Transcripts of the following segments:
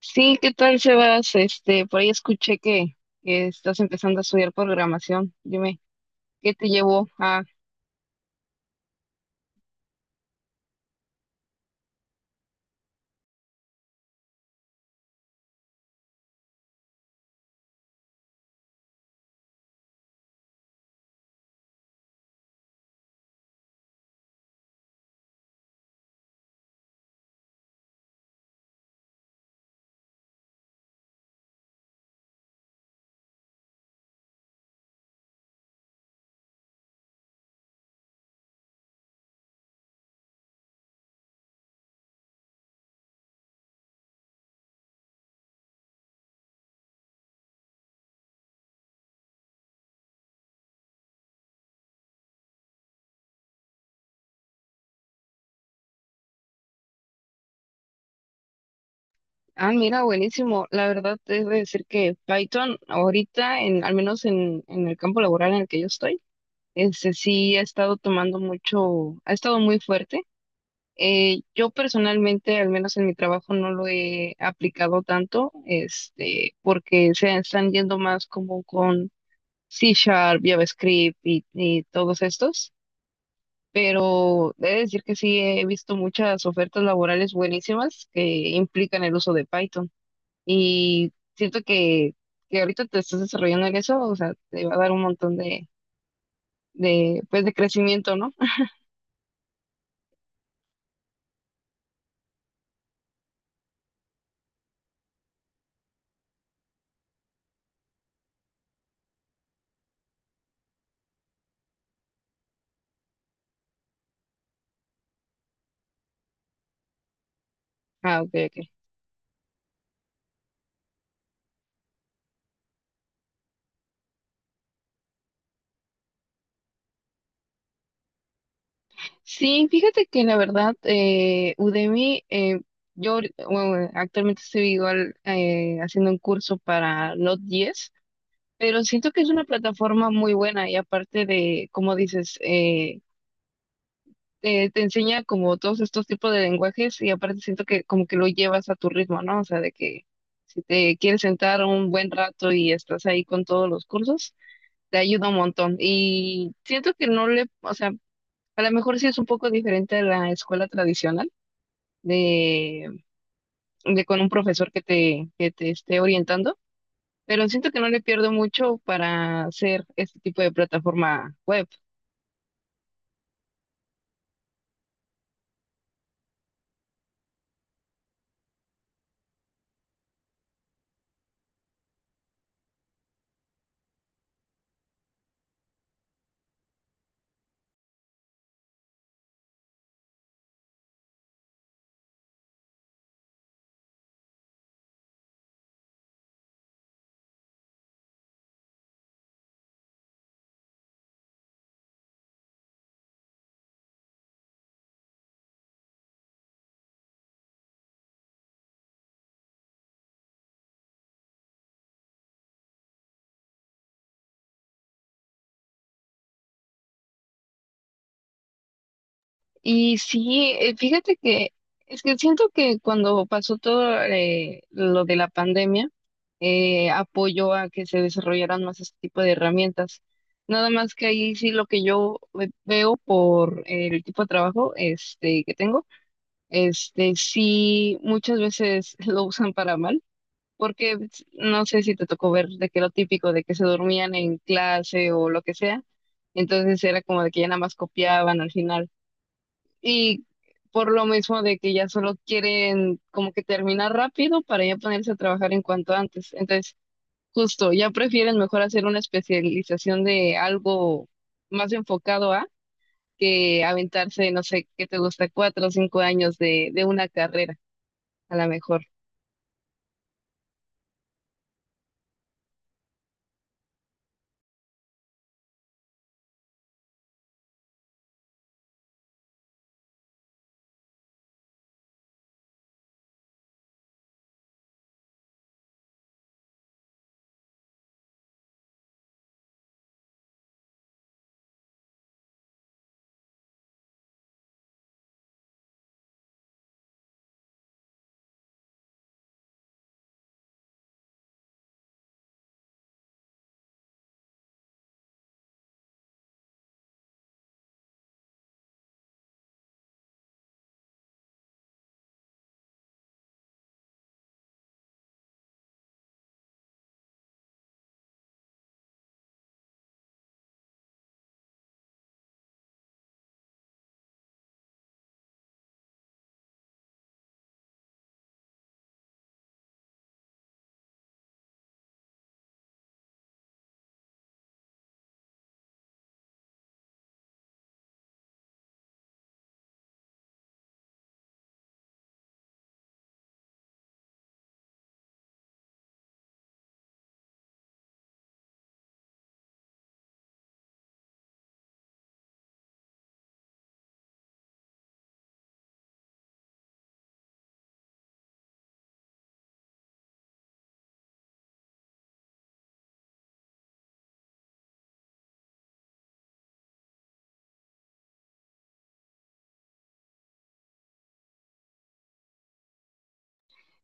Sí, ¿qué tal, Sebas? Por ahí escuché que estás empezando a estudiar programación. Dime, ¿qué te llevó a... Ah, mira, buenísimo. La verdad, te debo decir que Python ahorita, al menos en el campo laboral en el que yo estoy, sí ha estado tomando mucho, ha estado muy fuerte. Yo personalmente, al menos en mi trabajo, no lo he aplicado tanto, porque se están yendo más como con C Sharp, JavaScript y todos estos. Pero he de decir que sí he visto muchas ofertas laborales buenísimas que implican el uso de Python y siento que ahorita te estás desarrollando en eso, o sea, te va a dar un montón de, pues, de crecimiento, ¿no? Ah, ok, ok. Sí, fíjate que la verdad, Udemy, bueno, actualmente estoy igual haciendo un curso para Node.js, pero siento que es una plataforma muy buena y aparte de, como dices, te enseña como todos estos tipos de lenguajes y aparte siento que como que lo llevas a tu ritmo, ¿no? O sea, de que si te quieres sentar un buen rato y estás ahí con todos los cursos, te ayuda un montón. Y siento que no le, o sea, a lo mejor sí es un poco diferente a la escuela tradicional de, de con un profesor que te esté orientando, pero siento que no le pierdo mucho para hacer este tipo de plataforma web. Y sí, fíjate que es que siento que cuando pasó todo lo de la pandemia, apoyó a que se desarrollaran más este tipo de herramientas. Nada más que ahí sí lo que yo veo por el tipo de trabajo este, que tengo, sí muchas veces lo usan para mal, porque pues, no sé si te tocó ver de que lo típico de que se dormían en clase o lo que sea, entonces era como de que ya nada más copiaban al final. Y por lo mismo de que ya solo quieren como que terminar rápido para ya ponerse a trabajar en cuanto antes. Entonces, justo, ya prefieren mejor hacer una especialización de algo más enfocado a que aventarse, no sé, qué te gusta, 4 o 5 años de una carrera, a lo mejor.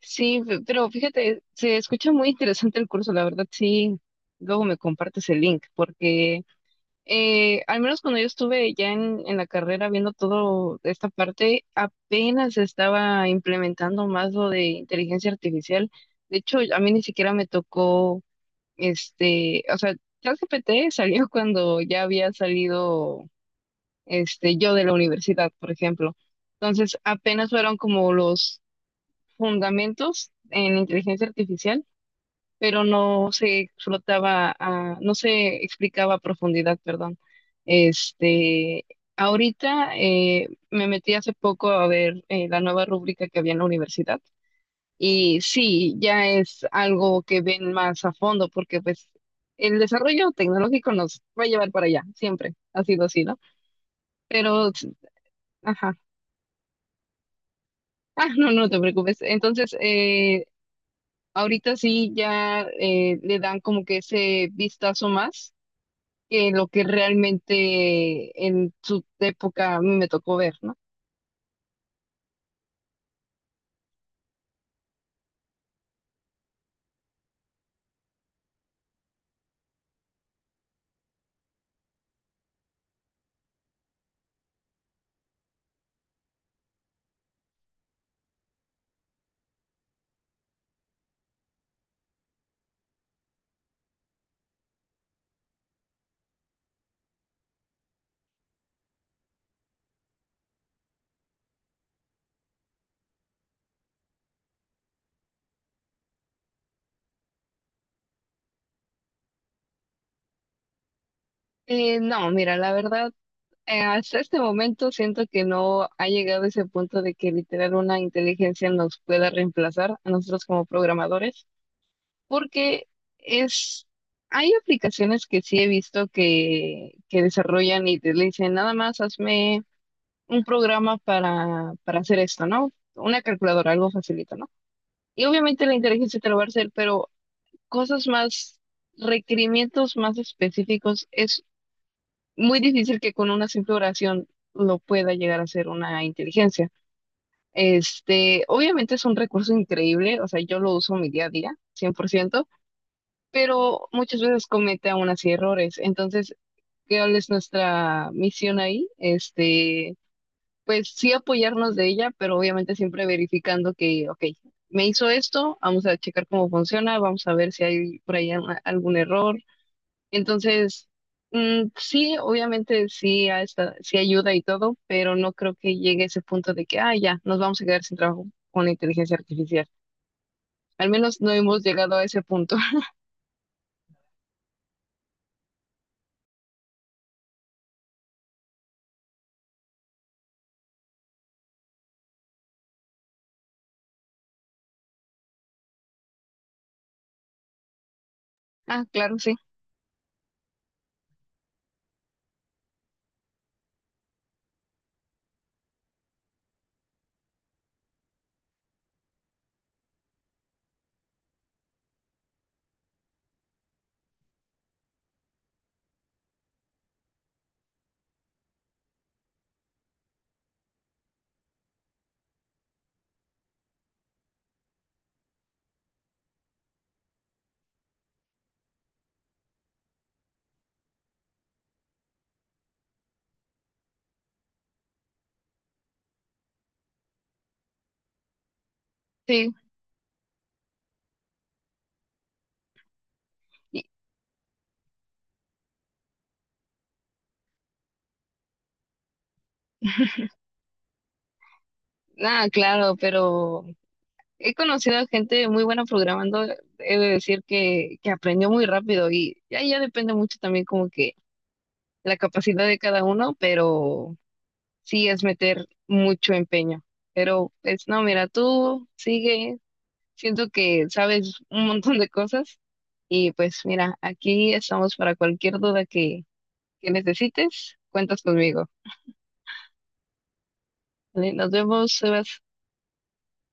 Pero fíjate, se escucha muy interesante el curso, la verdad, sí. Luego me compartes el link, porque al menos cuando yo estuve ya en la carrera viendo todo esta parte, apenas se estaba implementando más lo de inteligencia artificial. De hecho, a mí ni siquiera me tocó, o sea, ChatGPT salió cuando ya había salido, este, yo de la universidad, por ejemplo. Entonces, apenas fueron como los fundamentos en inteligencia artificial, pero no se explotaba, no se explicaba a profundidad, perdón. Este, ahorita me metí hace poco a ver la nueva rúbrica que había en la universidad y sí, ya es algo que ven más a fondo porque pues el desarrollo tecnológico nos va a llevar para allá, siempre ha sido así, ¿no? Pero, ajá, ah, no, no te preocupes. Entonces, ahorita sí ya le dan como que ese vistazo más que lo que realmente en su época a mí me tocó ver, ¿no? No, mira, la verdad, hasta este momento siento que no ha llegado a ese punto de que literal una inteligencia nos pueda reemplazar a nosotros como programadores, porque es, hay aplicaciones que sí he visto que desarrollan y te le dicen, nada más hazme un programa para hacer esto, ¿no? Una calculadora, algo facilito, ¿no? Y obviamente la inteligencia te lo va a hacer, pero cosas más, requerimientos más específicos, es muy difícil que con una simple oración lo pueda llegar a ser una inteligencia. Este, obviamente es un recurso increíble, o sea, yo lo uso mi día a día, 100%, pero muchas veces comete aún así errores. Entonces, ¿cuál es nuestra misión ahí? Este, pues sí apoyarnos de ella, pero obviamente siempre verificando que, ok, me hizo esto, vamos a checar cómo funciona, vamos a ver si hay por ahí algún error. Entonces, mm, sí, obviamente sí, sí ayuda y todo, pero no creo que llegue a ese punto de que, ah, ya, nos vamos a quedar sin trabajo con la inteligencia artificial. Al menos no hemos llegado a ese punto. Ah, claro, sí, sí. y- ah, claro, pero he conocido a gente muy buena programando, he de decir que aprendió muy rápido y ya, ya depende mucho también como que la capacidad de cada uno, pero sí es meter mucho empeño. Pero, pues no, mira, tú sigue. Siento que sabes un montón de cosas y pues mira, aquí estamos para cualquier duda que necesites, cuentas conmigo. Vale, nos vemos, Sebas.